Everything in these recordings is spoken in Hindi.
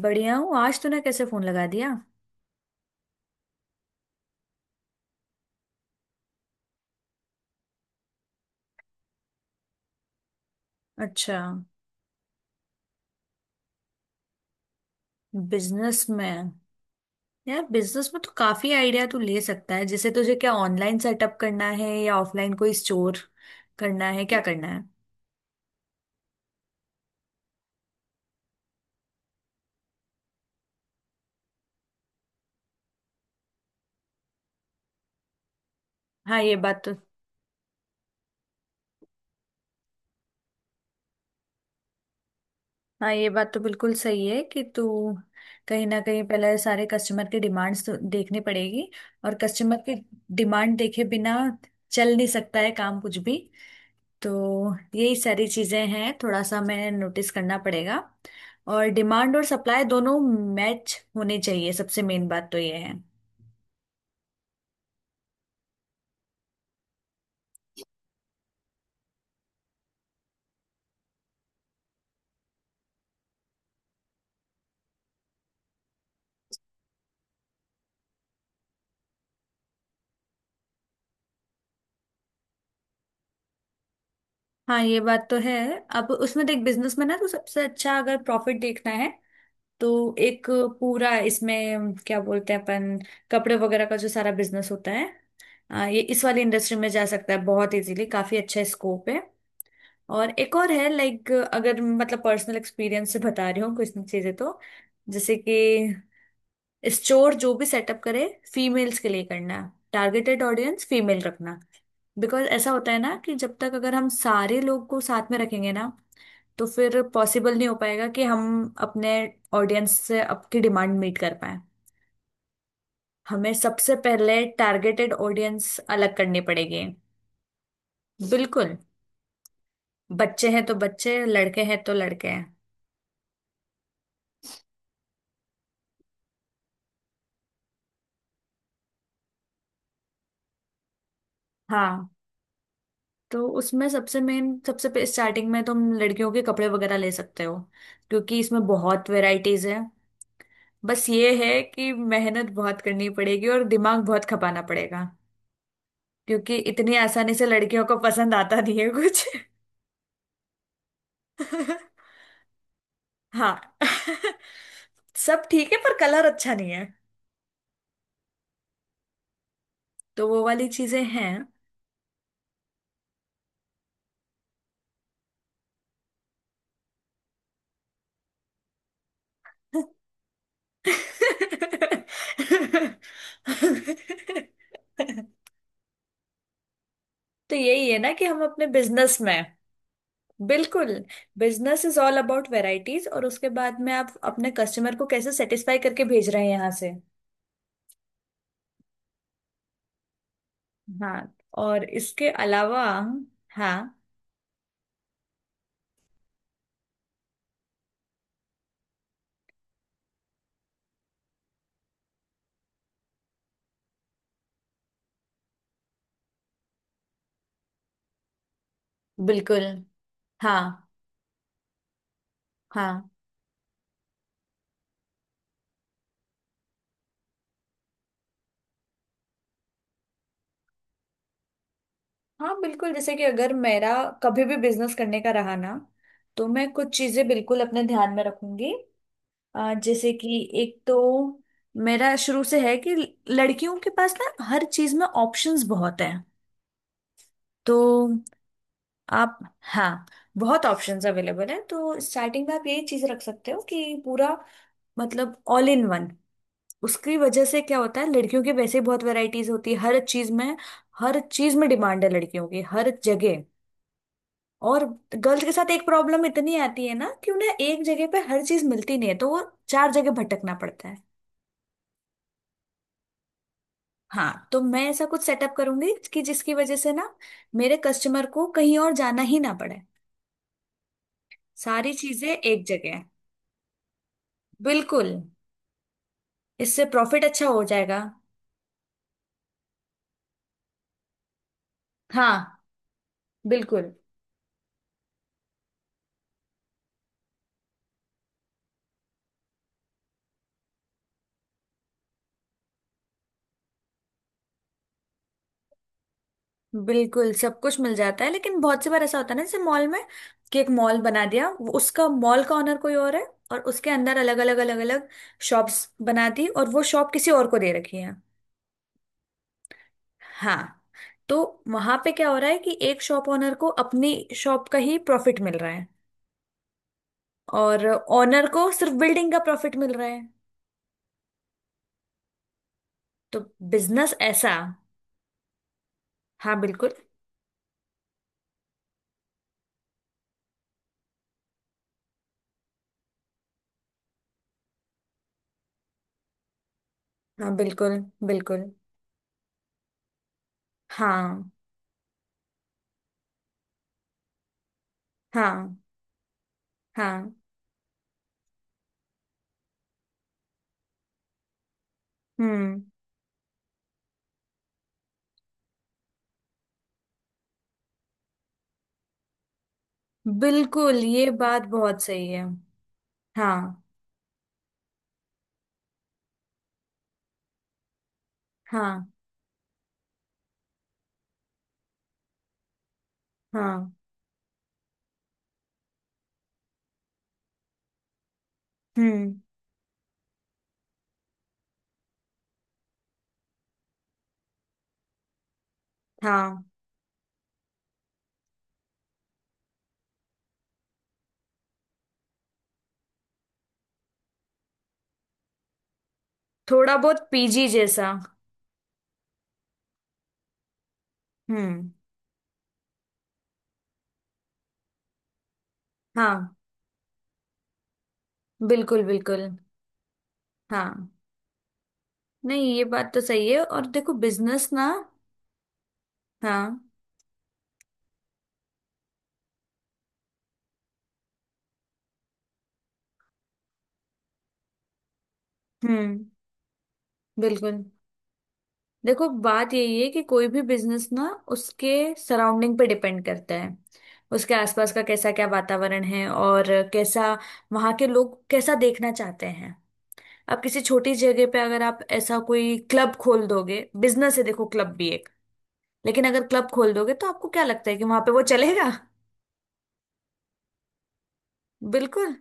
बढ़िया हूँ। आज तूने कैसे फोन लगा दिया? अच्छा। बिजनेस में। यार बिजनेस में तो काफी आइडिया तू ले सकता है, जैसे तुझे क्या ऑनलाइन सेटअप करना है या ऑफलाइन कोई स्टोर करना है, क्या करना है? हाँ, ये बात तो। हाँ, ये बात तो बिल्कुल सही है कि तू कहीं ना कहीं पहले सारे कस्टमर के डिमांड्स तो देखनी पड़ेगी। और कस्टमर के डिमांड देखे बिना चल नहीं सकता है काम कुछ भी। तो यही सारी चीजें हैं, थोड़ा सा मैं नोटिस करना पड़ेगा। और डिमांड और सप्लाई दोनों मैच होने चाहिए, सबसे मेन बात तो ये है। हाँ, ये बात तो है। अब उसमें देख, बिजनेस में ना तो सबसे अच्छा अगर प्रॉफिट देखना है तो एक पूरा, इसमें क्या बोलते हैं अपन, कपड़े वगैरह का जो सारा बिजनेस होता है। ये इस वाली इंडस्ट्री में जा सकता है बहुत इजीली, काफी अच्छा स्कोप है। और एक और है, लाइक अगर मतलब पर्सनल एक्सपीरियंस से बता रही हूँ कुछ चीजें तो, जैसे कि स्टोर जो भी सेटअप करे, फीमेल्स के लिए करना है, टारगेटेड ऑडियंस फीमेल रखना। बिकॉज ऐसा होता है ना कि जब तक अगर हम सारे लोग को साथ में रखेंगे ना, तो फिर पॉसिबल नहीं हो पाएगा कि हम अपने ऑडियंस से आपकी डिमांड मीट कर पाए। हमें सबसे पहले टारगेटेड ऑडियंस अलग करनी पड़ेगी। बिल्कुल। बच्चे हैं तो बच्चे, लड़के हैं तो लड़के हैं। हाँ, तो उसमें सबसे मेन, सबसे स्टार्टिंग में तुम लड़कियों के कपड़े वगैरह ले सकते हो, क्योंकि इसमें बहुत वेराइटीज है। बस ये है कि मेहनत बहुत करनी पड़ेगी और दिमाग बहुत खपाना पड़ेगा, क्योंकि इतनी आसानी से लड़कियों को पसंद आता नहीं है कुछ। हाँ। सब ठीक है पर कलर अच्छा नहीं है, तो वो वाली चीजें हैं। तो यही है ना कि हम अपने बिजनेस में। बिल्कुल। Business is all about varieties, और उसके बाद में आप अपने कस्टमर को कैसे सेटिस्फाई करके भेज रहे हैं यहाँ से। हाँ, और इसके अलावा, हाँ बिल्कुल। हाँ हाँ। हाँ बिल्कुल, जैसे कि अगर मेरा कभी भी बिजनेस करने का रहा ना, तो मैं कुछ चीजें बिल्कुल अपने ध्यान में रखूंगी। जैसे कि एक तो मेरा शुरू से है कि लड़कियों के पास ना हर चीज में ऑप्शंस बहुत हैं, तो आप हाँ, बहुत ऑप्शंस अवेलेबल हैं, तो स्टार्टिंग में आप यही चीज रख सकते हो कि पूरा, मतलब ऑल इन वन। उसकी वजह से क्या होता है, लड़कियों की वैसे ही बहुत वैरायटीज होती है हर चीज में। हर चीज में डिमांड है लड़कियों की हर जगह। और गर्ल्स के साथ एक प्रॉब्लम इतनी आती है ना कि उन्हें एक जगह पे हर चीज मिलती नहीं है, तो वो चार जगह भटकना पड़ता है। हाँ, तो मैं ऐसा कुछ सेटअप करूंगी कि जिसकी वजह से ना मेरे कस्टमर को कहीं और जाना ही ना पड़े, सारी चीजें एक जगह है। बिल्कुल, इससे प्रॉफिट अच्छा हो जाएगा। हाँ बिल्कुल। बिल्कुल सब कुछ मिल जाता है, लेकिन बहुत सी बार ऐसा होता है ना जैसे मॉल में कि एक मॉल बना दिया, उसका मॉल का ओनर कोई और है, और उसके अंदर अलग अलग शॉप्स बना दी, और वो शॉप किसी और को दे रखी है। हाँ, तो वहां पे क्या हो रहा है कि एक शॉप ओनर को अपनी शॉप का ही प्रॉफिट मिल रहा है, और ओनर को सिर्फ बिल्डिंग का प्रॉफिट मिल रहा है। तो बिजनेस ऐसा। हाँ बिल्कुल। हाँ बिल्कुल बिल्कुल। हाँ हाँ हाँ। हम्म। बिल्कुल ये बात बहुत सही है। हाँ हाँ हाँ। हम्म। हाँ, थोड़ा बहुत पीजी जैसा। हम्म। हाँ बिल्कुल बिल्कुल। हाँ, नहीं ये बात तो सही है, और देखो बिजनेस ना, हाँ हम्म बिल्कुल। देखो बात यही है कि कोई भी बिजनेस ना उसके सराउंडिंग पे डिपेंड करता है, उसके आसपास का कैसा क्या वातावरण है, और कैसा वहाँ के लोग कैसा देखना चाहते हैं। आप किसी छोटी जगह पे अगर आप ऐसा कोई क्लब खोल दोगे, बिजनेस है देखो, क्लब भी एक, लेकिन अगर क्लब खोल दोगे तो आपको क्या लगता है कि वहां पे वो चलेगा? बिल्कुल,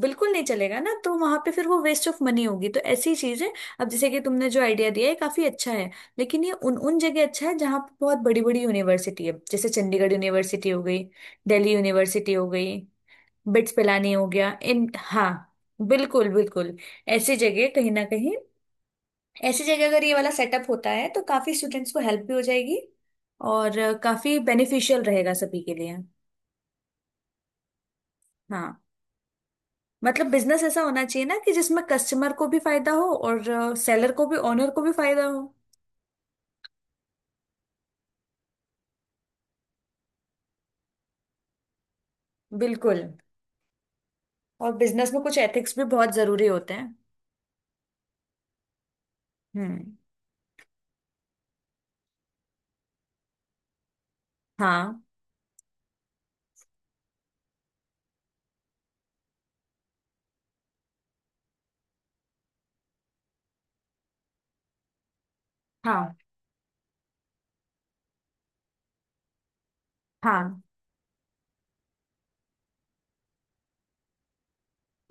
बिल्कुल नहीं चलेगा ना, तो वहां पे फिर वो वेस्ट ऑफ मनी होगी, तो ऐसी चीज है। अब जैसे कि तुमने जो आइडिया दिया है काफी अच्छा है, लेकिन ये उन उन जगह अच्छा है जहाँ पे बहुत बड़ी बड़ी यूनिवर्सिटी है, जैसे चंडीगढ़ यूनिवर्सिटी हो गई, दिल्ली यूनिवर्सिटी हो गई, बिट्स पिलानी हो गया इन, हाँ बिल्कुल बिल्कुल। ऐसी जगह कहीं ना कहीं, ऐसी जगह अगर ये वाला सेटअप होता है तो काफी स्टूडेंट्स को हेल्प भी हो जाएगी, और काफी बेनिफिशियल रहेगा सभी के लिए। हाँ, मतलब बिजनेस ऐसा होना चाहिए ना कि जिसमें कस्टमर को भी फायदा हो, और सेलर को भी, ओनर को भी फायदा हो। बिल्कुल। और बिजनेस में कुछ एथिक्स भी बहुत जरूरी होते हैं। हम्म। हाँ हाँ हाँ।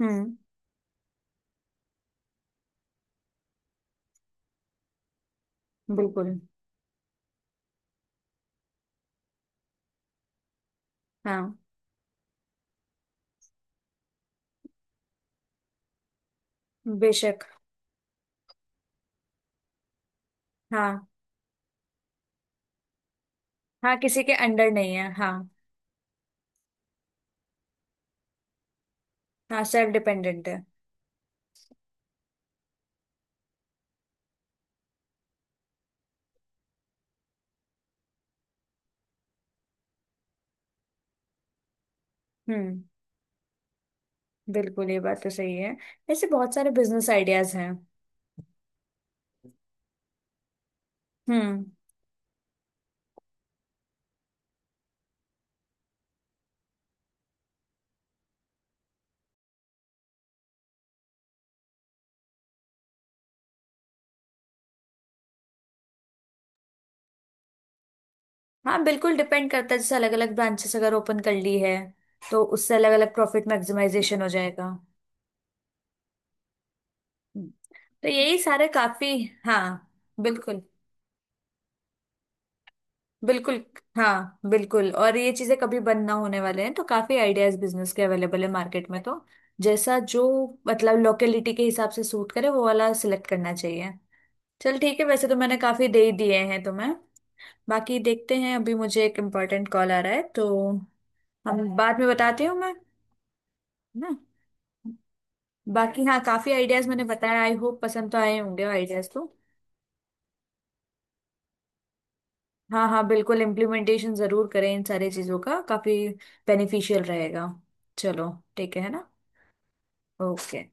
हम्म। बिल्कुल। हाँ। बेशक। हाँ हाँ, किसी के अंडर नहीं है, हाँ। हाँ, सेल्फ डिपेंडेंट है। हम्म। बिल्कुल ये बात तो सही है, ऐसे बहुत सारे बिजनेस आइडियाज हैं। हम्म। हाँ बिल्कुल, डिपेंड करता है, जैसे अलग अलग ब्रांचेस अगर ओपन कर ली है तो उससे अलग अलग प्रॉफिट मैक्सिमाइजेशन हो जाएगा। तो यही सारे काफी, हाँ बिल्कुल बिल्कुल। हाँ बिल्कुल, और ये चीजें कभी बंद ना होने वाले हैं, तो काफी आइडियाज बिजनेस के अवेलेबल है मार्केट में, तो जैसा जो, मतलब लोकेलिटी के हिसाब से सूट करे वो वाला सिलेक्ट करना चाहिए। चल ठीक है, वैसे तो मैंने काफी दे ही दिए हैं तुम्हें, बाकी देखते हैं। अभी मुझे एक इम्पोर्टेंट कॉल आ रहा है तो हम बाद में बताती हूँ मैं, है ना? बाकी हाँ, काफी आइडियाज मैंने बताया, आई होप पसंद तो आए होंगे आइडियाज तो। हाँ हाँ बिल्कुल इम्प्लीमेंटेशन जरूर करें इन सारी चीजों का, काफी बेनिफिशियल रहेगा। चलो ठीक है ना? ओके।